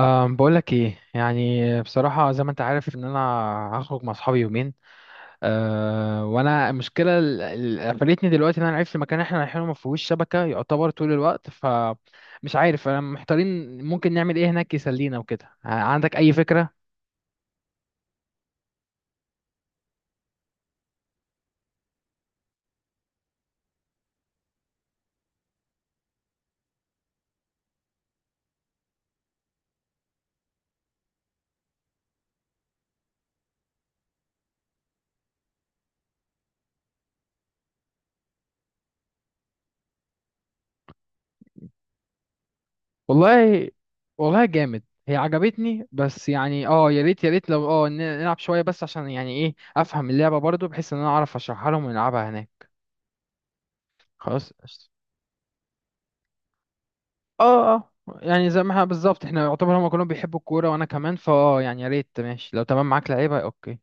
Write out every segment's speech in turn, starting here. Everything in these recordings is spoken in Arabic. بقولك ايه؟ يعني بصراحة، زي ما انت عارف ان انا هخرج مع اصحابي يومين. وانا المشكلة قفلتني دلوقتي، ان انا عرفت المكان اللي احنا رايحينه ما فيهوش شبكة يعتبر طول الوقت، فمش عارف، انا محتارين ممكن نعمل ايه هناك يسلينا وكده. عندك اي فكرة؟ والله والله جامد هي، عجبتني، بس يعني يا ريت يا ريت لو نلعب شوية بس عشان يعني ايه افهم اللعبة برضو، بحيث ان انا اعرف اشرحها لهم ونلعبها هناك. خلاص. اه اه يعني زي ما احنا بالظبط، احنا يعتبر هما كلهم بيحبوا الكورة وانا كمان، فاه يعني يا ريت، ماشي، لو تمام معاك لعيبة. اوكي.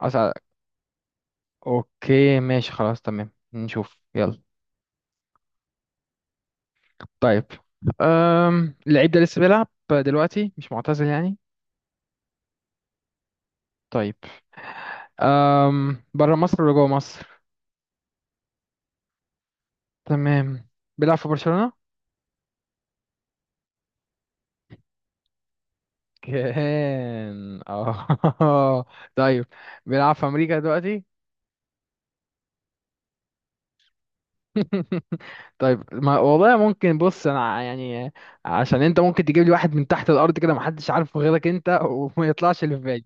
أسأل. اوكي ماشي، خلاص تمام، نشوف يلا. طيب. اللعيب ده لسه بيلعب دلوقتي، مش معتزل يعني؟ طيب. بره مصر ولا جوه مصر؟ تمام. بيلعب في برشلونة. كان، اه. طيب. بيلعب في امريكا دلوقتي؟ طيب، ما والله ممكن، بص انا يعني عشان انت ممكن تجيب لي واحد من تحت الارض كده، محدش عارفه غيرك انت، وما يطلعش اللي في بالي.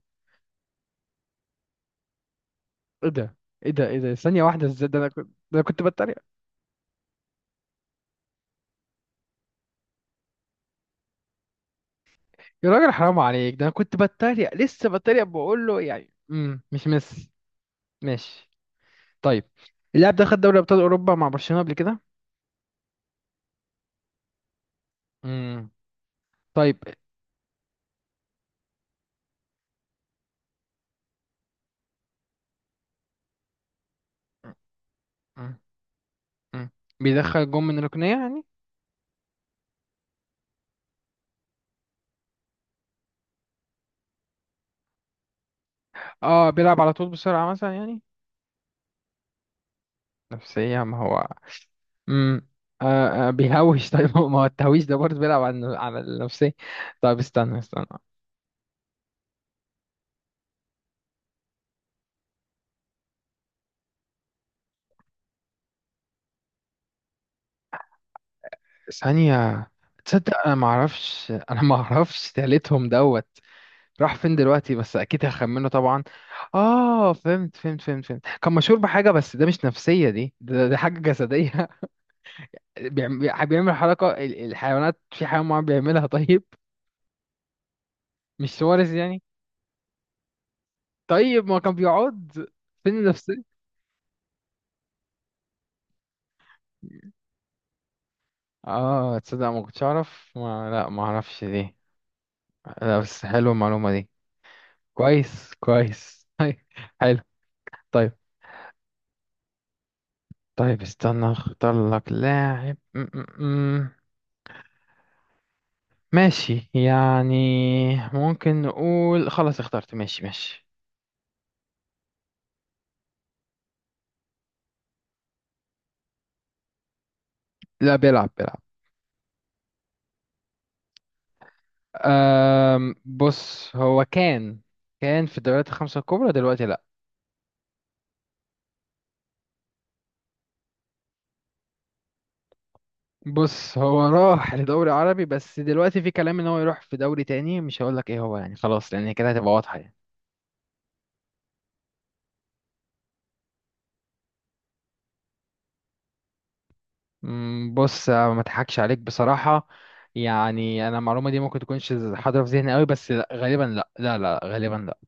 ايه ده؟ ايه ده ايه ده؟ ثانيه واحده، ازاي ده؟ انا كنت، ده انا كنت بتريق. يا راجل، حرام عليك، ده انا كنت بتريق، لسه بتريق، بقول له يعني مش مس-. ماشي. طيب، اللاعب ده خد دوري ابطال اوروبا مع برشلونه قبل كده؟ امم طيب. مم. مم. بيدخل جون من الركنيه يعني؟ اه، بيلعب على طول بسرعه مثلا يعني؟ نفسيه؟ ما هو... امم آه آه، بيهوش. طيب، ما هو التهويش ده برضه بيلعب على النفسية. طيب استنى استنى. ثانية. تصدق انا ما اعرفش، انا ما اعرفش تالتهم دوت. راح فين دلوقتي؟ بس اكيد هخمنه طبعا. اه، فهمت فهمت فهمت فهمت. كان مشهور بحاجة، بس ده مش نفسية دي. ده حاجة جسدية. بيعمل حركة الحيوانات، في حيوان معين بيعملها. طيب. مش سوارز يعني؟ طيب، ما كان بيقعد، فين النفسية؟ اه، تصدق ما كنتش اعرف، ما لا ما اعرفش دي. لا، بس حلوة المعلومة دي. كويس كويس. طيب. حلو. طيب. طيب استنى، اختار لك لاعب. م- م- م. ماشي يعني، ممكن نقول خلاص اخترت. ماشي ماشي. لا، بيلعب بيلعب. بص، هو كان في الدوريات الخمسة الكبرى، دلوقتي لا. بص، هو راح لدوري عربي، بس دلوقتي في كلام ان هو يروح في دوري تاني، مش هقول لك ايه هو يعني، خلاص، لان كده هتبقى واضحة يعني. مم، بص، آه، ما اضحكش عليك بصراحة. يعني انا المعلومة دي ممكن تكونش حاضرة في ذهني قوي، بس لا، غالبا لا لا لا، غالبا لا.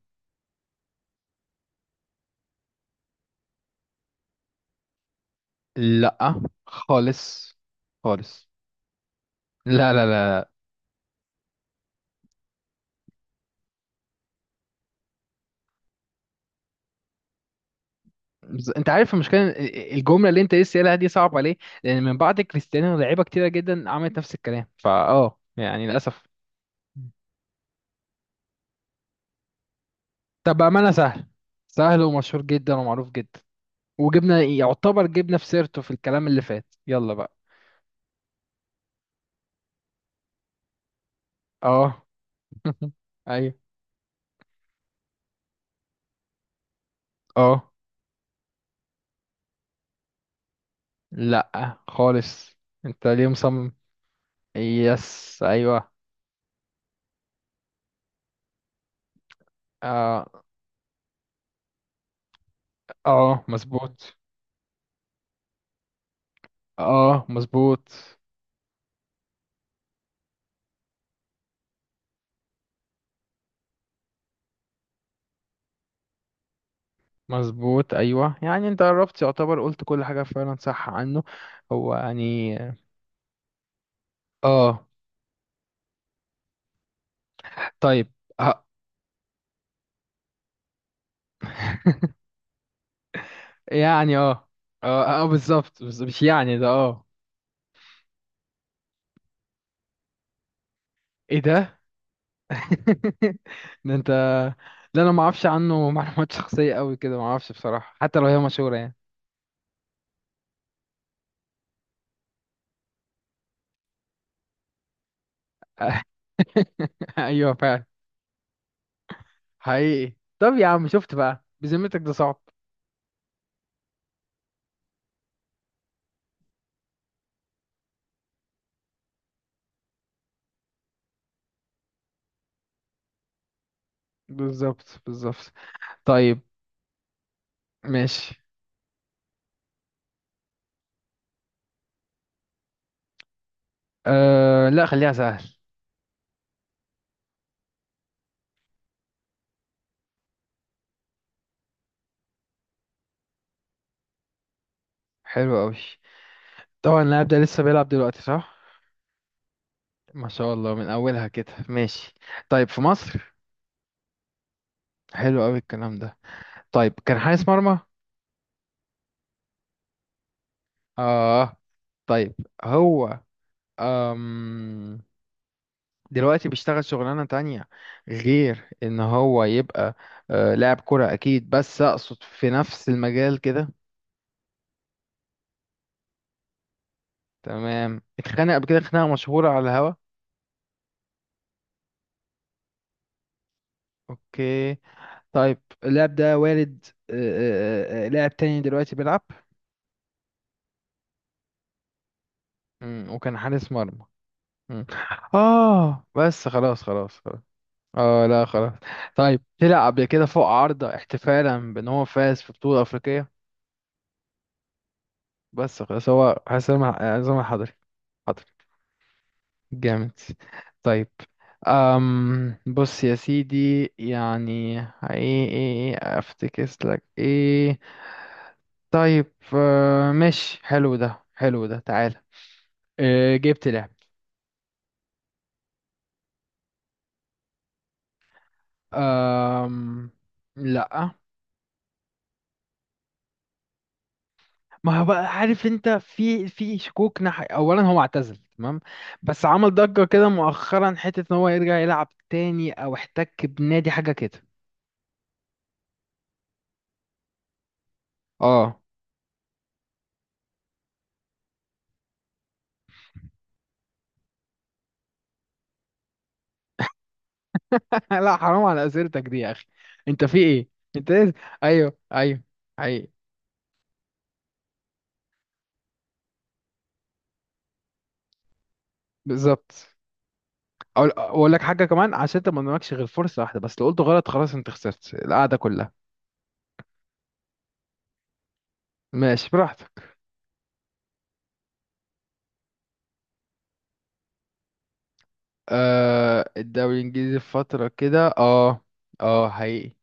لا، خالص خالص. لا لا لا. انت عارف المشكلة الجملة اللي انت لسه قايلها دي صعبة ليه؟ لان من بعد كريستيانو لعيبة كتيرة جدا عملت نفس الكلام، فا يعني للأسف. طب بأمانة، سهل. سهل ومشهور جدا ومعروف جدا، وجبنا يعتبر جبنا في سيرته في الكلام اللي فات، يلا بقى. اه. ايوه. اه، لا خالص. انت ليه مصمم؟ يس، ايوه. اه اه، مظبوط. اه، مظبوط مظبوط. ايوه يعني، انت قربت يعتبر، قلت كل حاجه فعلا صح عنه. هو يعني اه. طيب. اه. يعني اه اه اه، بالظبط، بس مش يعني ده اه. ايه ده؟ ده انت. لا، انا ما اعرفش عنه معلومات شخصيه قوي كده، ما اعرفش بصراحه، حتى لو هي مشهوره يعني. ايوه فعلا. حقيقي. طب يا عم، شفت بقى؟ بذمتك ده صعب. بالظبط بالظبط. طيب ماشي. أه لا، خليها سهل. حلو قوي. طبعا اللاعب ده لسه بيلعب دلوقتي صح؟ ما شاء الله، من اولها كده. ماشي. طيب، في مصر. حلو قوي الكلام ده. طيب، كان حارس مرمى؟ اه. طيب. هو أم دلوقتي بيشتغل شغلانة تانية غير ان هو يبقى لاعب كرة اكيد، بس اقصد في نفس المجال كده. تمام. اتخانق قبل كده خناقة مشهورة على الهوا؟ اوكي. طيب، اللاعب ده والد لاعب تاني دلوقتي بيلعب؟ مم. وكان حارس مرمى. مم. اه، بس خلاص خلاص خلاص. اه، لا خلاص. طيب، طلع قبل كده فوق عارضة احتفالا بان هو فاز في بطولة افريقية؟ بس خلاص هو حسام عصام الحضري. حضري. جامد. طيب، بص يا سيدي، يعني ايه ايه، ايه افتكس لك ايه؟ طيب، آه، ماشي، حلو ده، حلو ده. تعالى. آه، جبت لعب. أم... لا. ما هو بقى، عارف انت، في شكوك ناحية، اولا هو اعتزل تمام، بس عمل ضجة كده مؤخرا حتة ان هو يرجع يلعب تاني او احتك بنادي حاجة كده. اه. لا حرام، على اسئلتك دي يا اخي. انت في ايه؟ انت ايه؟ ايوه ايوه. ايوه. بالظبط. اقول لك حاجة كمان، عشان انت ما قدامكش غير فرصة واحدة بس، لو قلت غلط خلاص انت خسرت القعدة كلها. ماشي، براحتك. آه، الدوري الانجليزي في فتره كده، اه. اه حقيقي.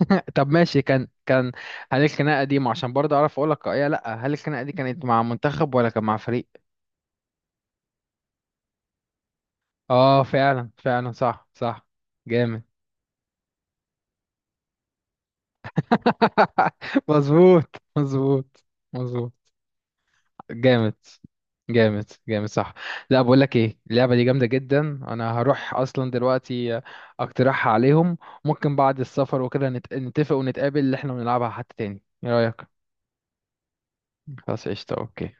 طب ماشي، كان كان. هل الخناقه دي عشان برضه اعرف اقول لك ايه، لا هل الخناقه دي كانت مع منتخب ولا كان مع فريق؟ اه فعلا فعلا، صح صح. جامد. مظبوط مظبوط. مظبوط. جامد جامد جامد. صح. لا، بقول لك ايه، اللعبه دي جامده جدا. انا هروح اصلا دلوقتي اقترحها عليهم. ممكن بعد السفر وكده نتفق ونتقابل اللي احنا بنلعبها حتى تاني، ايه رايك؟ خلاص قشطة. اوكي.